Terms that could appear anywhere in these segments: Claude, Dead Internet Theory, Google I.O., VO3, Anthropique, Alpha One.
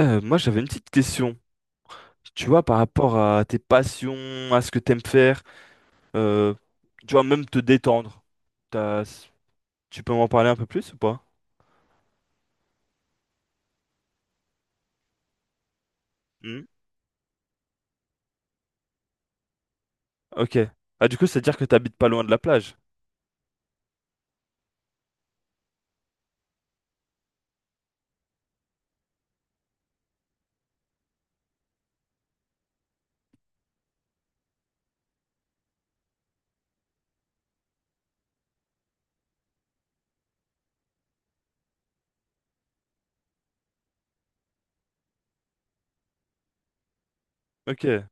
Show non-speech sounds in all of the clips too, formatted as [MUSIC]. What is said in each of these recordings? Moi, j'avais une petite question. Tu vois, par rapport à tes passions, à ce que t'aimes faire, euh, tu vois, même te détendre. T'as- Tu peux m'en parler un peu plus ou pas? Hmm. Ok. Ah, du coup, c'est-à-dire que t'habites pas loin de la plage. Ok.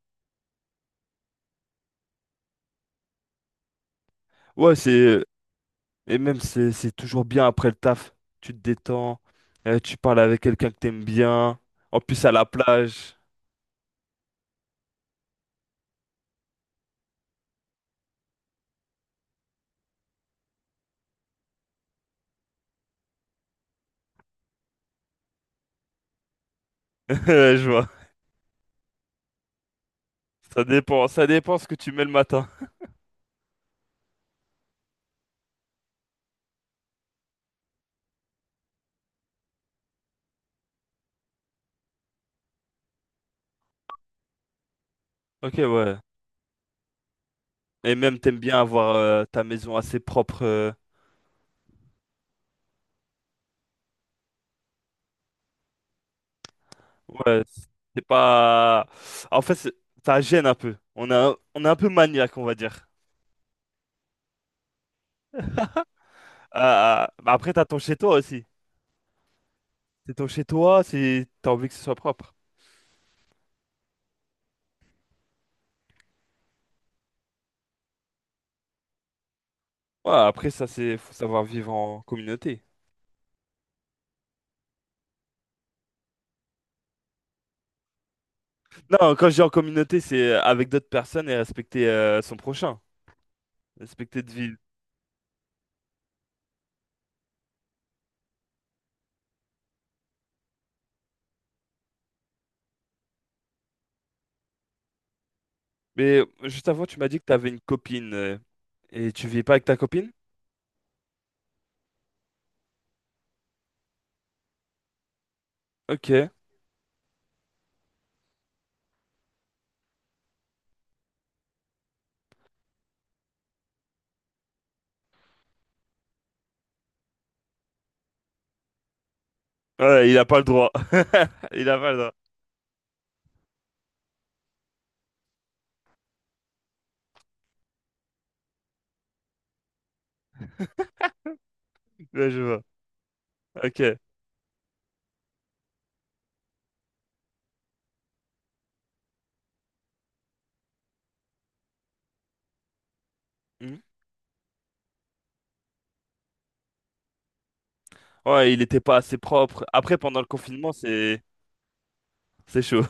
Ouais, c'est. Et même, c'est toujours bien après le taf. Tu te détends, tu parles avec quelqu'un que t'aimes bien. En plus, à la plage. [LAUGHS] Ouais, je vois. Ça dépend ce que tu mets le matin. Ok, ouais. Et même, t'aimes bien avoir ta maison assez propre. Ouais, c'est pas. En fait, ça gêne un peu. On est un peu maniaque, on va dire. [LAUGHS] Bah après, t'as ton chez toi aussi. C'est ton chez toi, c'est t'as envie que ce soit propre. Ouais, après, ça, c'est faut savoir vivre en communauté. Non, quand je dis en communauté, c'est avec d'autres personnes et respecter son prochain, respecter de ville. Mais juste avant, tu m'as dit que t'avais une copine et tu vis pas avec ta copine? Ok. Ouais, il a pas le droit. [LAUGHS] Il a pas le droit. Ouais, je vois. Ok. Ouais, il était pas assez propre. Après, pendant le confinement, c'est chaud.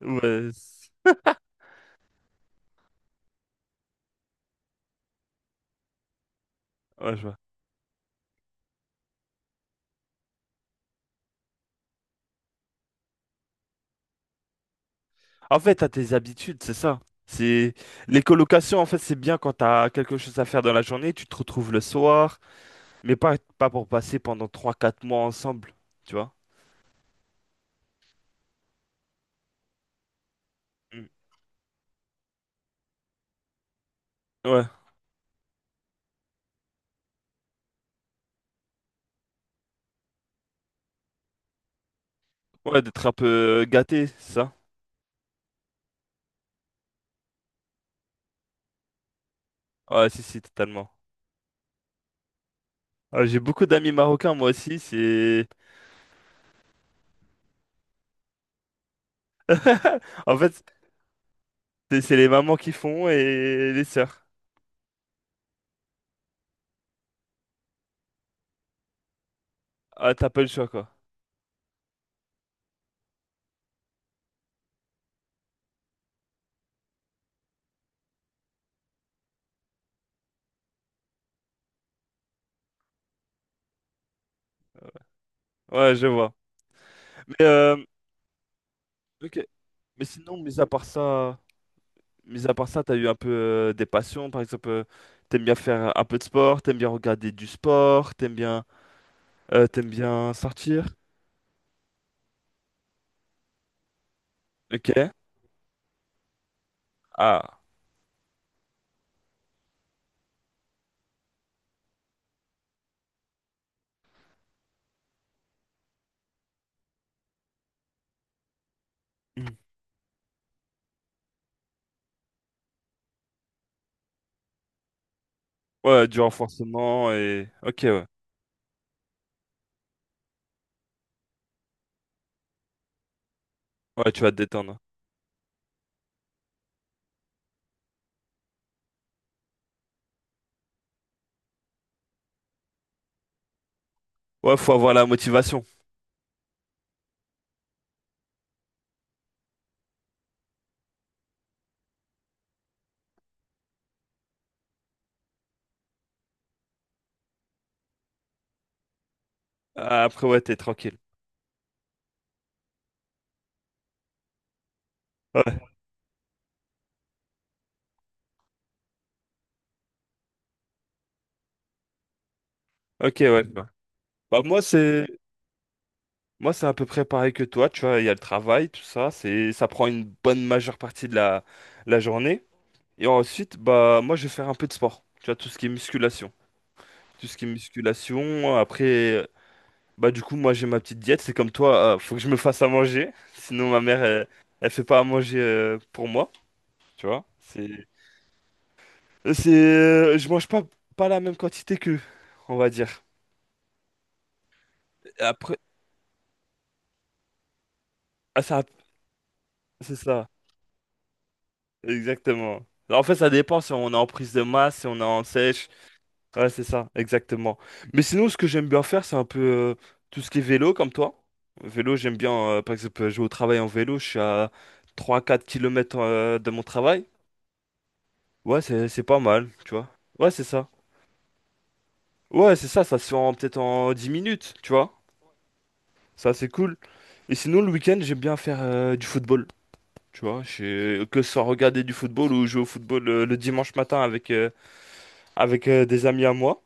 [LAUGHS] Ouais, ouais, je vois. En fait, t'as tes habitudes, c'est ça. C'est les colocations, en fait, c'est bien quand t'as quelque chose à faire dans la journée, tu te retrouves le soir, mais pas pour passer pendant 3-4 mois ensemble, tu vois. Mm. Ouais, ouais, d'être un peu gâté, c'est ça. Ouais, si, si, totalement. Ouais, j'ai beaucoup d'amis marocains, moi aussi, c'est. [LAUGHS] En fait, c'est les mamans qui font et les sœurs. Ah, t'as pas le choix, quoi. Ouais, je vois. Mais, ok. Mais sinon, mis à part ça, t'as eu un peu des passions, par exemple, t'aimes bien faire un peu de sport, t'aimes bien regarder du sport, t'aimes bien sortir. Ok. Ah. Hmm. Ouais, du renforcement et. Ok, ouais. Ouais, tu vas te détendre. Ouais, faut avoir la motivation. Ah, après, ouais, t'es tranquille. Ouais. Ok, ouais. Ouais. Bah, Moi, c'est à peu près pareil que toi, tu vois, il y a le travail, tout ça, c'est, ça prend une bonne majeure partie de la journée. Et ensuite, bah, moi, je vais faire un peu de sport. Tu vois, tout ce qui est musculation. Tout ce qui est musculation. Après, bah, du coup, moi, j'ai ma petite diète. C'est comme toi, faut que je me fasse à manger. Sinon, ma mère, elle fait pas à manger pour moi. Tu vois, je mange pas la même quantité qu'eux, on va dire. Après, ah, ça, c'est ça, exactement. En fait, ça dépend si on est en prise de masse, si on est en sèche. Ouais, c'est ça, exactement. Mais sinon, ce que j'aime bien faire, c'est un peu tout ce qui est vélo, comme toi. Vélo, j'aime bien, par exemple, je vais au travail en vélo, je suis à 3-4 km de mon travail. Ouais, c'est pas mal, tu vois. Ouais, c'est ça. Ouais, c'est ça, ça se fait en peut-être en 10 minutes, tu vois. Ça, c'est cool. Et sinon, le week-end, j'aime bien faire du football, tu vois. Que ce soit regarder du football ou jouer au football le dimanche matin avec des amis à moi.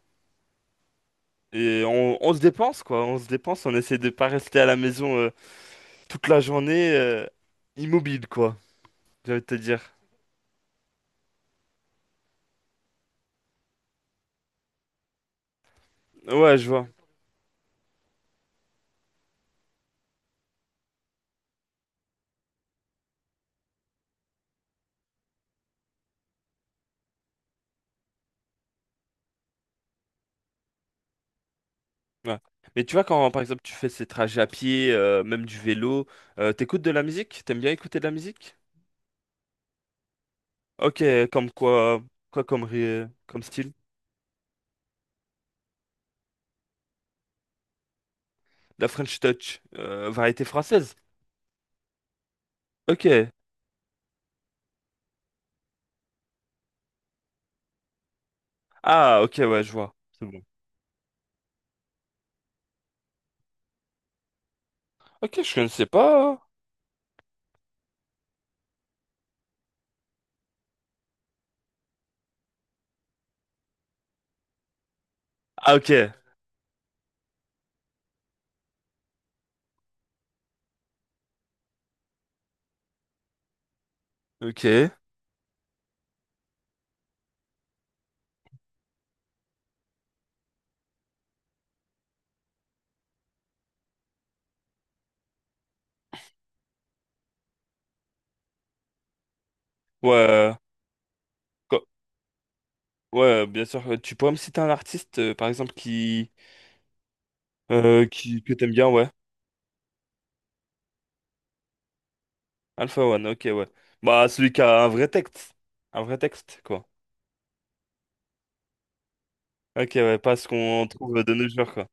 Et on se dépense, quoi. On se dépense, on essaie de pas rester à la maison toute la journée immobile, quoi. J'ai envie de te dire. Ouais, je vois. Ouais. Mais tu vois, quand par exemple tu fais ces trajets à pied, même du vélo, t'écoutes de la musique? T'aimes bien écouter de la musique? Ok, comme quoi, quoi comme, comme style? La French Touch, variété française. Ok. Ah, ok, ouais, je vois. C'est bon. Ok, je connaissais pas, hein. Ah, ok. Ok. Ouais. Ouais, bien sûr. Tu pourrais me citer un artiste, par exemple, qui que t'aimes bien, ouais. Alpha One, ok, ouais. Bah, celui qui a un vrai texte. Un vrai texte, quoi. Ok, ouais, pas ce qu'on trouve de nos jours, quoi.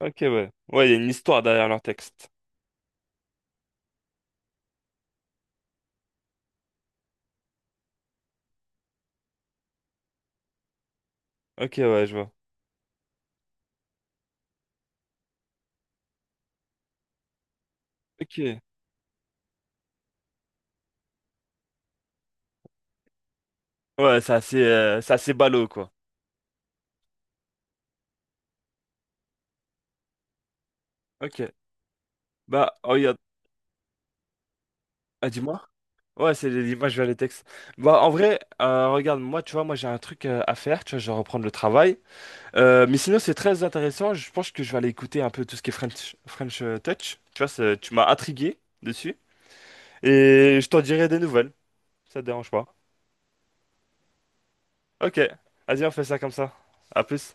Ok, ouais. Ouais, il y a une histoire derrière leur texte. Ok, ouais, je vois. Ok. Ouais, c'est assez ballot, quoi. Ok. Bah, oh, regarde. Ah, dis-moi. Ouais, c'est les images vers les textes. Bah, en vrai, regarde, moi, tu vois, moi, j'ai un truc à faire, tu vois, je vais reprendre le travail. Mais sinon, c'est très intéressant. Je pense que je vais aller écouter un peu tout ce qui est French Touch. Tu vois, tu m'as intrigué dessus. Et je t'en dirai des nouvelles. Ça te dérange pas. Ok. Vas-y, on fait ça comme ça. À plus.